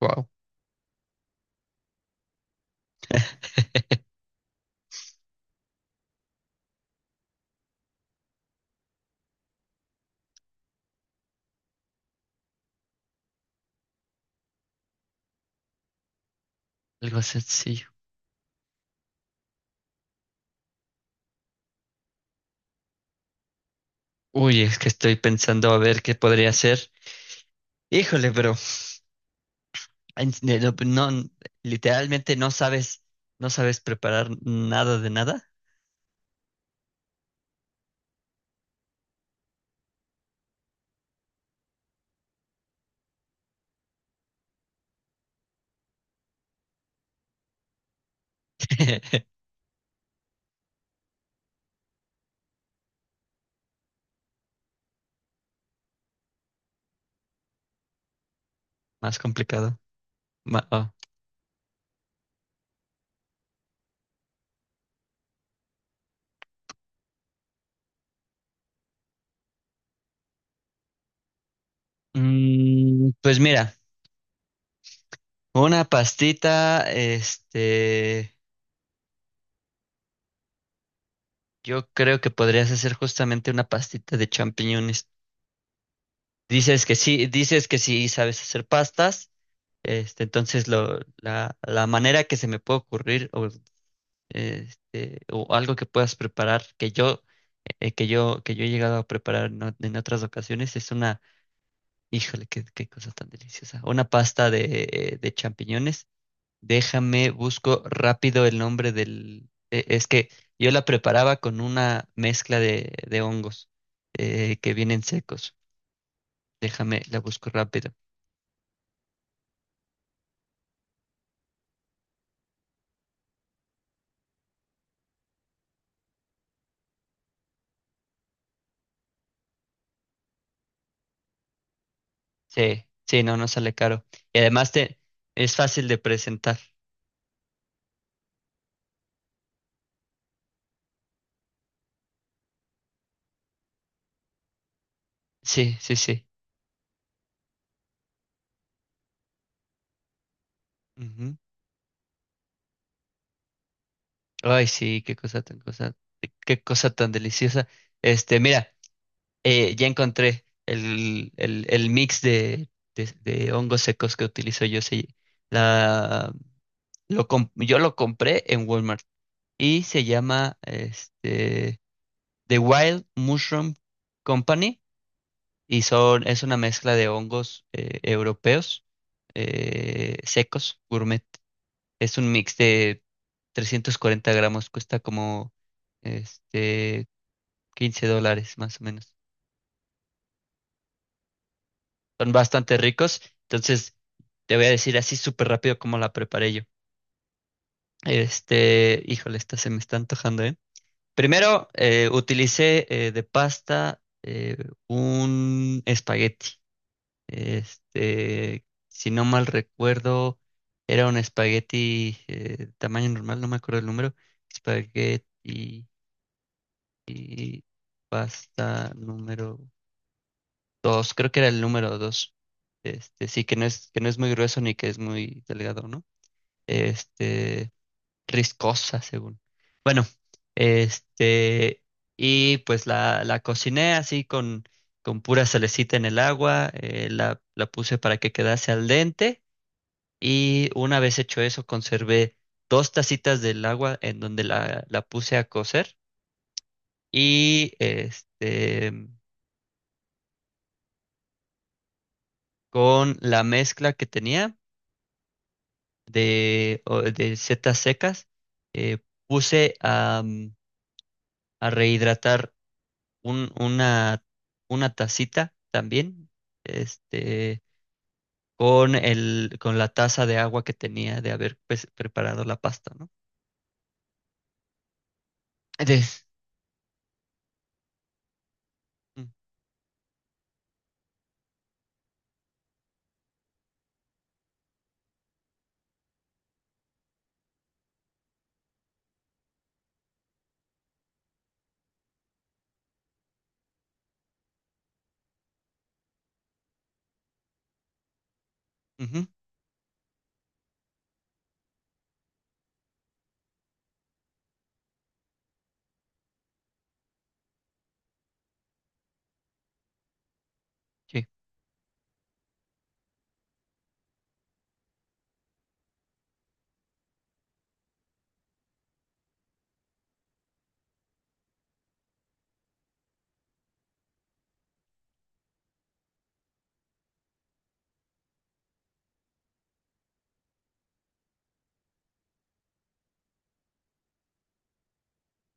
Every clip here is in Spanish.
Wow, algo sencillo. Uy, es que estoy pensando a ver qué podría ser. Híjole, bro. No, no, literalmente no sabes preparar nada de nada. Más complicado. Oh. Pues mira, una pastita, yo creo que podrías hacer justamente una pastita de champiñones. Dices que sí sabes hacer pastas. Entonces, la manera que se me puede ocurrir, o algo que puedas preparar, que yo he llegado a preparar en otras ocasiones, es una, híjole, qué cosa tan deliciosa, una pasta de champiñones. Déjame, busco rápido el nombre es que yo la preparaba con una mezcla de hongos que vienen secos. Déjame, la busco rápido. Sí, sí, no sale caro. Y además es fácil de presentar. Sí, sí, sí. Ujú. Ay, sí, qué cosa tan deliciosa. Mira, ya encontré el mix de hongos secos que utilizo yo. Sí, la, yo lo compré en Walmart y se llama The Wild Mushroom Company, y es una mezcla de hongos europeos, secos, gourmet. Es un mix de 340 gramos, cuesta como este $15 más o menos. Son bastante ricos, entonces te voy a decir así súper rápido cómo la preparé yo. Híjole, esta se me está antojando, ¿eh? Primero, utilicé, de pasta, un espagueti. Si no mal recuerdo, era un espagueti, tamaño normal, no me acuerdo el número. Espagueti. Y pasta número dos, creo que era el número dos. Sí, que no es muy grueso ni que es muy delgado, ¿no? Este, Riscosa, según. Bueno, este, y pues la cociné así con pura salecita en el agua, la puse para que quedase al dente, y una vez hecho eso, conservé dos tacitas del agua en donde la puse a cocer, y con la mezcla que tenía de setas secas, eh, puse a, a rehidratar un- una, una tacita también, este, con con la taza de agua que tenía de haber, pues, preparado la pasta, ¿no? Des- mm, ujú, sí.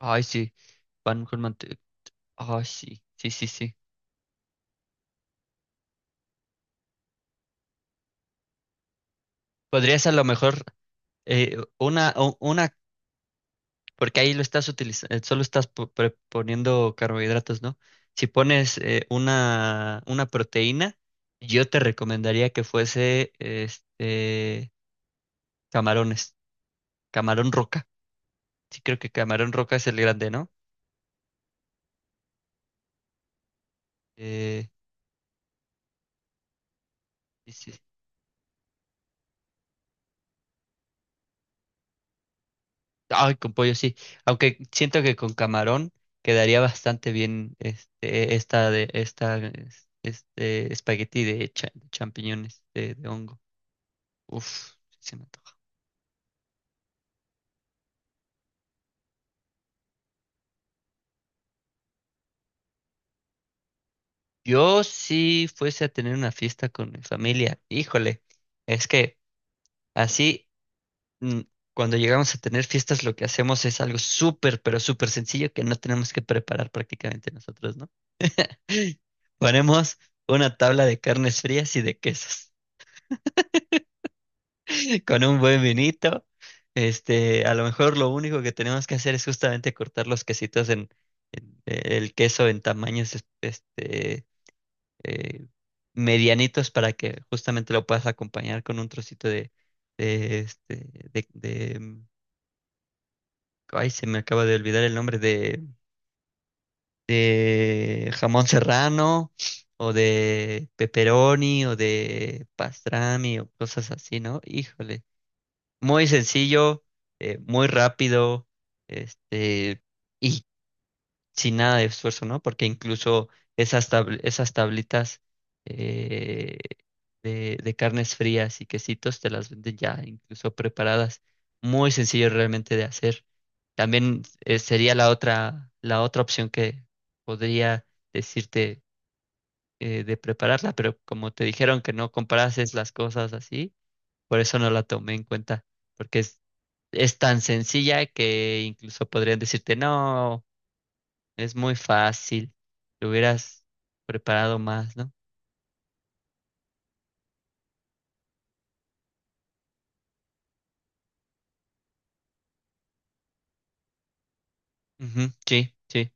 Ay, sí. Pan con manteca. Ay, sí, sí, sí, sí. Podrías a lo mejor, una. Porque ahí lo estás utilizando, solo estás poniendo carbohidratos, ¿no? Si pones, una proteína, yo te recomendaría que fuese camarones, camarón roca. Sí, creo que camarón roca es el grande, ¿no? Eh, y sí. Sí. Ay, con pollo sí. Aunque siento que con camarón quedaría bastante bien, este, esta de esta es- este espagueti de champiñones de hongo. Uf, sí se me antoja. Yo si fuese a tener una fiesta con mi familia, híjole, es que así, mm, cuando llegamos a tener fiestas lo que hacemos es algo súper, pero súper sencillo, que no tenemos que preparar prácticamente nosotros, ¿no? Ponemos una tabla de carnes frías y de quesos con un buen vinito. A lo mejor lo único que tenemos que hacer es justamente cortar los quesitos, el queso, en tamaños este eh, medianitos, para que justamente lo puedas acompañar con un trocito de, de este, de, de- ay, se me acaba de olvidar el nombre, de jamón serrano o de pepperoni o de pastrami o cosas así, ¿no? Híjole, muy sencillo, muy rápido, este, y sin nada de esfuerzo, ¿no? Porque incluso esas tablitas, eh, de carnes frías y quesitos, te las venden ya incluso preparadas. Muy sencillo realmente de hacer. También, sería la otra opción que podría decirte, de prepararla, pero como te dijeron que no comparases las cosas así, por eso no la tomé en cuenta, porque es tan sencilla que incluso podrían decirte no. Es muy fácil. Lo hubieras preparado más, ¿no? Ujú, sí, sí,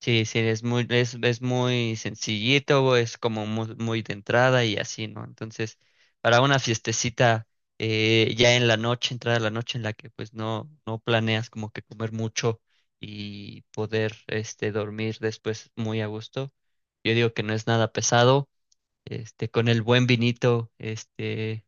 sí, sí, es muy sencillito, es como muy, muy de entrada y así, ¿no? Entonces, para una fiestecita, ya en la noche, entrada a la noche en la que pues no planeas como que comer mucho y poder dormir después muy a gusto. Yo digo que no es nada pesado, con el buen vinito, este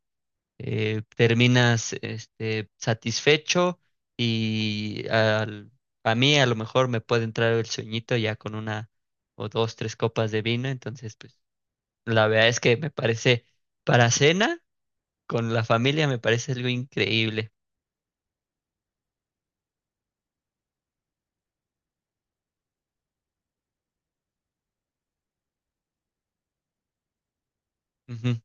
eh, terminas, satisfecho, y a mí a lo mejor me puede entrar el sueñito ya con una o dos, tres copas de vino, entonces pues la verdad es que me parece, para cena con la familia me parece algo increíble. Ujú,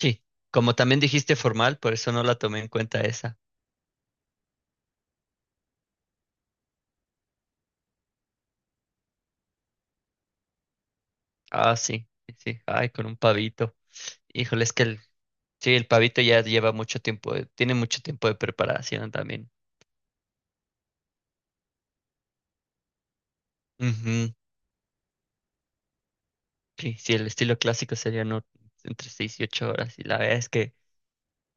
sí, como también dijiste formal, por eso no la tomé en cuenta esa. Ah, sí, sí, ay, con un pavito. Híjole, es que el, sí, el pavito ya lleva mucho tiempo, tiene mucho tiempo de preparación también. Ujú. Sí, sí, el estilo clásico sería, no, entre 6 y 8 horas. Y la verdad es que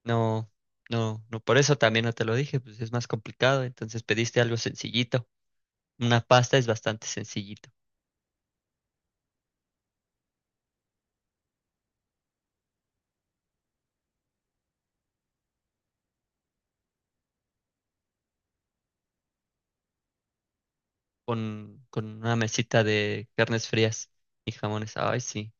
no, no, no, por eso también no te lo dije, pues es más complicado. Entonces pediste algo sencillito. Una pasta es bastante sencillito, con una mesita de carnes frías y jamones. Ay, sí.